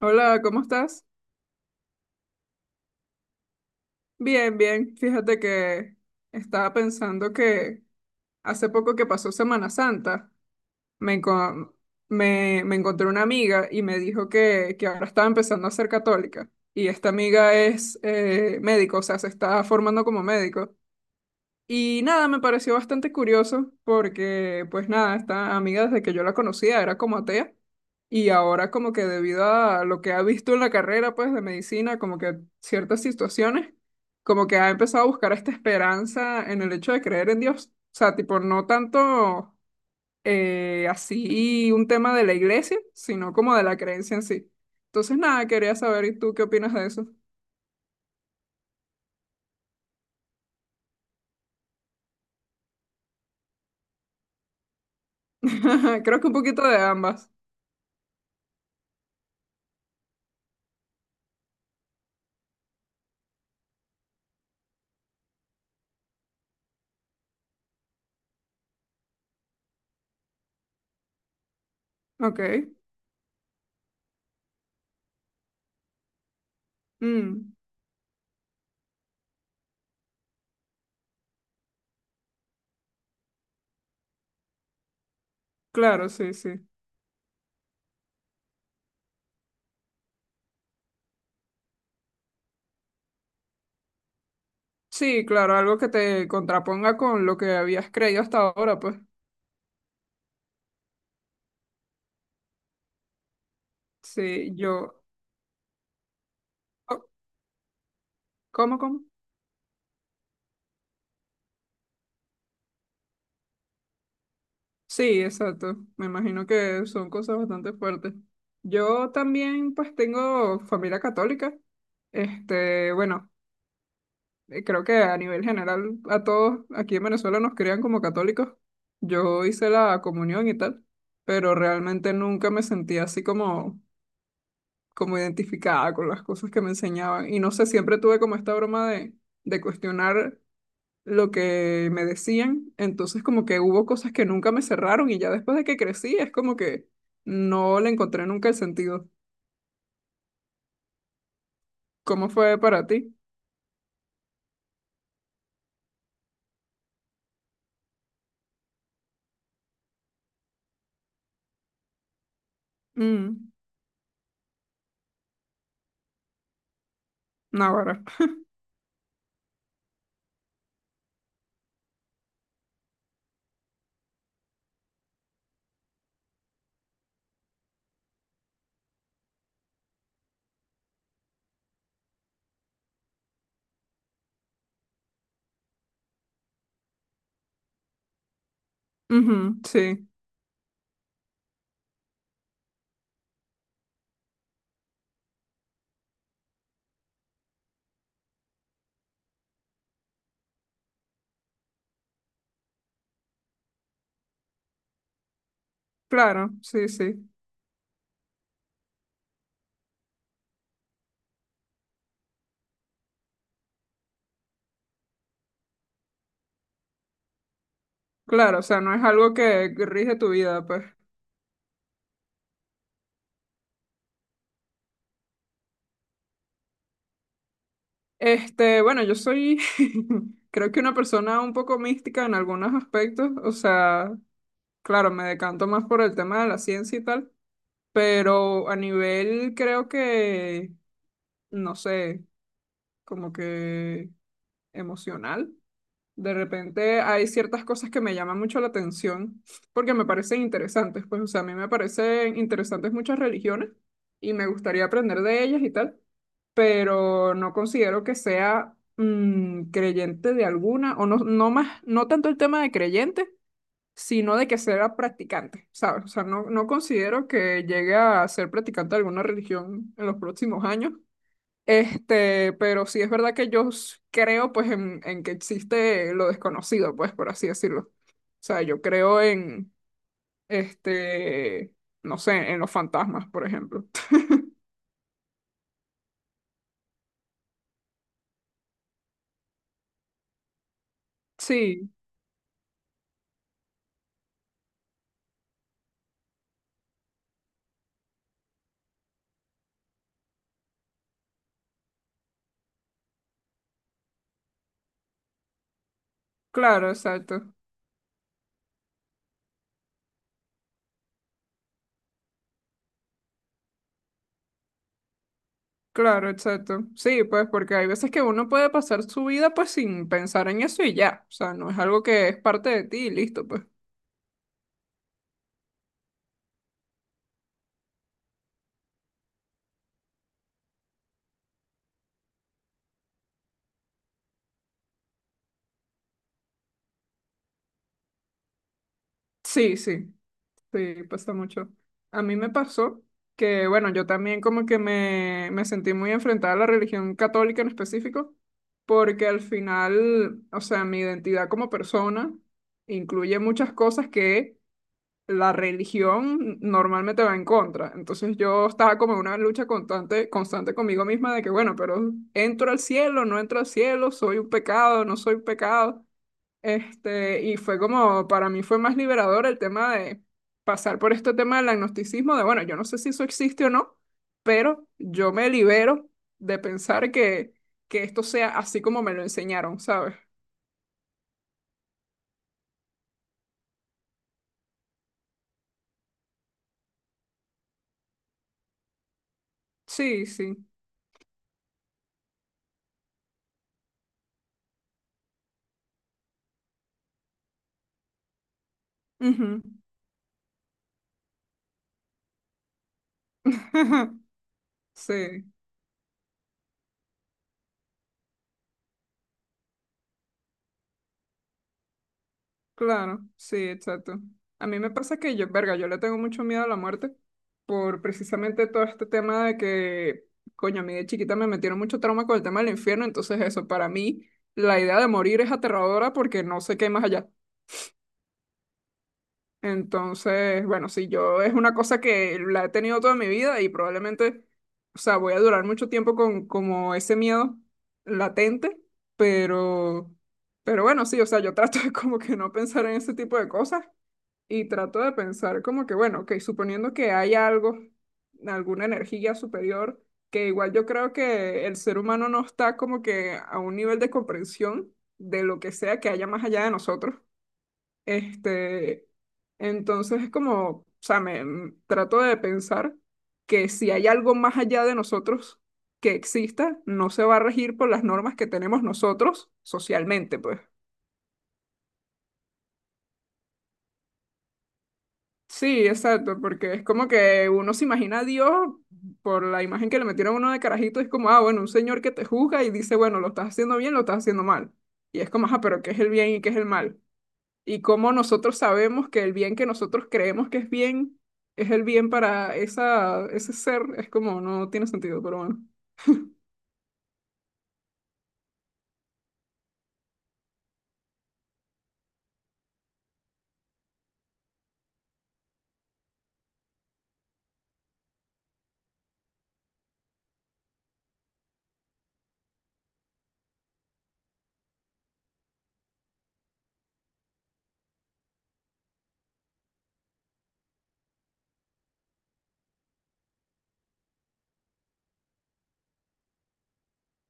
Hola, ¿cómo estás? Bien, bien. Fíjate que estaba pensando que hace poco que pasó Semana Santa, me, enco- me encontré una amiga y me dijo que ahora estaba empezando a ser católica. Y esta amiga es médico, o sea, se está formando como médico. Y nada, me pareció bastante curioso porque, pues nada, esta amiga desde que yo la conocía era como atea y ahora como que debido a lo que ha visto en la carrera, pues de medicina, como que ciertas situaciones, como que ha empezado a buscar esta esperanza en el hecho de creer en Dios. O sea, tipo, no tanto así un tema de la iglesia, sino como de la creencia en sí. Entonces, nada, quería saber, ¿y tú qué opinas de eso? Creo que un poquito de ambas. Ok. Mm, claro, sí, sí. Sí, claro, algo que te contraponga con lo que habías creído hasta ahora, pues. Sí, yo. Oh, ¿cómo, cómo? Sí, exacto. Me imagino que son cosas bastante fuertes. Yo también, pues, tengo familia católica. Este, bueno, creo que a nivel general a todos aquí en Venezuela nos crían como católicos. Yo hice la comunión y tal, pero realmente nunca me sentí así como como identificada con las cosas que me enseñaban. Y no sé, siempre tuve como esta broma de cuestionar lo que me decían. Entonces como que hubo cosas que nunca me cerraron y ya después de que crecí es como que no le encontré nunca el sentido. ¿Cómo fue para ti? Mm. Naguará. Ujú, sí, claro, sí, sí. Claro, o sea, no es algo que rige tu vida, pues. Este, bueno, yo soy, creo que una persona un poco mística en algunos aspectos, o sea, claro, me decanto más por el tema de la ciencia y tal, pero a nivel creo que, no sé, como que emocional. De repente hay ciertas cosas que me llaman mucho la atención porque me parecen interesantes. Pues, o sea, a mí me parecen interesantes muchas religiones y me gustaría aprender de ellas y tal, pero no considero que sea creyente de alguna, o no, no más, no tanto el tema de creyente sino de que sea practicante, ¿sabes? O sea, no, no considero que llegue a ser practicante de alguna religión en los próximos años. Este, pero sí es verdad que yo creo pues en que existe lo desconocido, pues por así decirlo. O sea, yo creo en, este, no sé, en los fantasmas, por ejemplo. Sí, claro, exacto. Claro, exacto. Sí, pues porque hay veces que uno puede pasar su vida pues sin pensar en eso y ya. O sea, no es algo que es parte de ti y listo, pues. Sí, sí. Sí, pasa mucho. A mí me pasó que, bueno, yo también como que me sentí muy enfrentada a la religión católica en específico, porque al final, o sea, mi identidad como persona incluye muchas cosas que la religión normalmente va en contra. Entonces yo estaba como en una lucha constante, constante conmigo misma de que, bueno, pero entro al cielo, no entro al cielo, soy un pecado, no soy un pecado. Este, y fue como, para mí fue más liberador el tema de pasar por este tema del agnosticismo, de bueno, yo no sé si eso existe o no, pero yo me libero de pensar que esto sea así como me lo enseñaron, ¿sabes? Sí, sí. Ujú. Sí. Claro, sí, exacto. A mí me pasa que yo, verga, yo le tengo mucho miedo a la muerte por precisamente todo este tema de que, coño, a mí de chiquita me metieron mucho trauma con el tema del infierno, entonces eso, para mí la idea de morir es aterradora porque no sé qué hay más allá. Entonces, bueno, sí, yo es una cosa que la he tenido toda mi vida y probablemente, o sea, voy a durar mucho tiempo con como ese miedo latente, pero, pero bueno, sí, o sea, yo trato de como que no pensar en ese tipo de cosas y trato de pensar como que, bueno, ok, suponiendo que hay algo, alguna energía superior, que igual yo creo que el ser humano no está como que a un nivel de comprensión de lo que sea que haya más allá de nosotros. Este, entonces es como, o sea, trato de pensar que si hay algo más allá de nosotros que exista, no se va a regir por las normas que tenemos nosotros socialmente, pues. Sí, exacto, porque es como que uno se imagina a Dios por la imagen que le metieron a uno de carajito, es como, ah, bueno, un señor que te juzga y dice, bueno, lo estás haciendo bien, lo estás haciendo mal. Y es como, ah, pero ¿qué es el bien y qué es el mal? Y cómo nosotros sabemos que el bien que nosotros creemos que es bien es el bien para esa, ese ser, es como, no tiene sentido, pero bueno.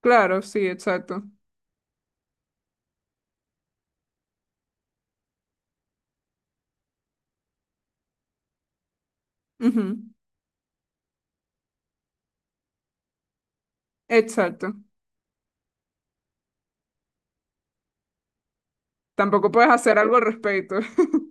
Claro, sí, exacto. Ujú. Exacto. Tampoco puedes hacer algo al respecto.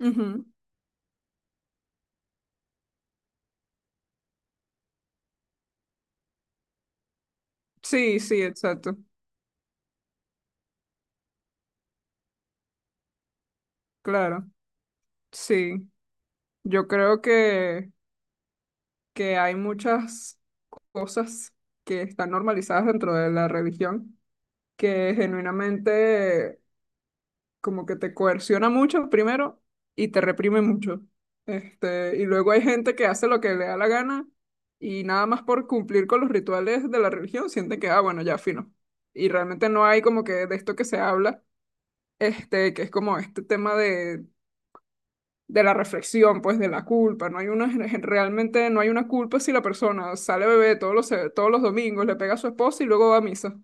Ujú. Sí, sí, exacto. Claro, sí. Yo creo que hay muchas cosas que están normalizadas dentro de la religión que genuinamente como que te coerciona mucho primero y te reprime mucho. Este, y luego hay gente que hace lo que le da la gana y nada más por cumplir con los rituales de la religión sienten que, ah, bueno, ya fino. Y realmente no hay como que de esto que se habla, este, que es como este tema de la reflexión, pues de la culpa. No hay una, realmente no hay una culpa si la persona sale bebé todos todos los domingos, le pega a su esposa y luego va a misa.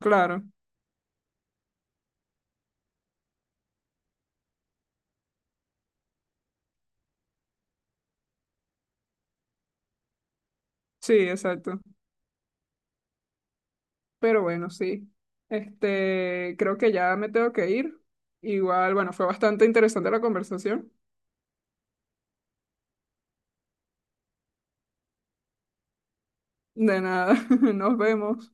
Claro, sí, exacto. Pero bueno, sí. Este, creo que ya me tengo que ir. Igual, bueno, fue bastante interesante la conversación. De nada, nos vemos.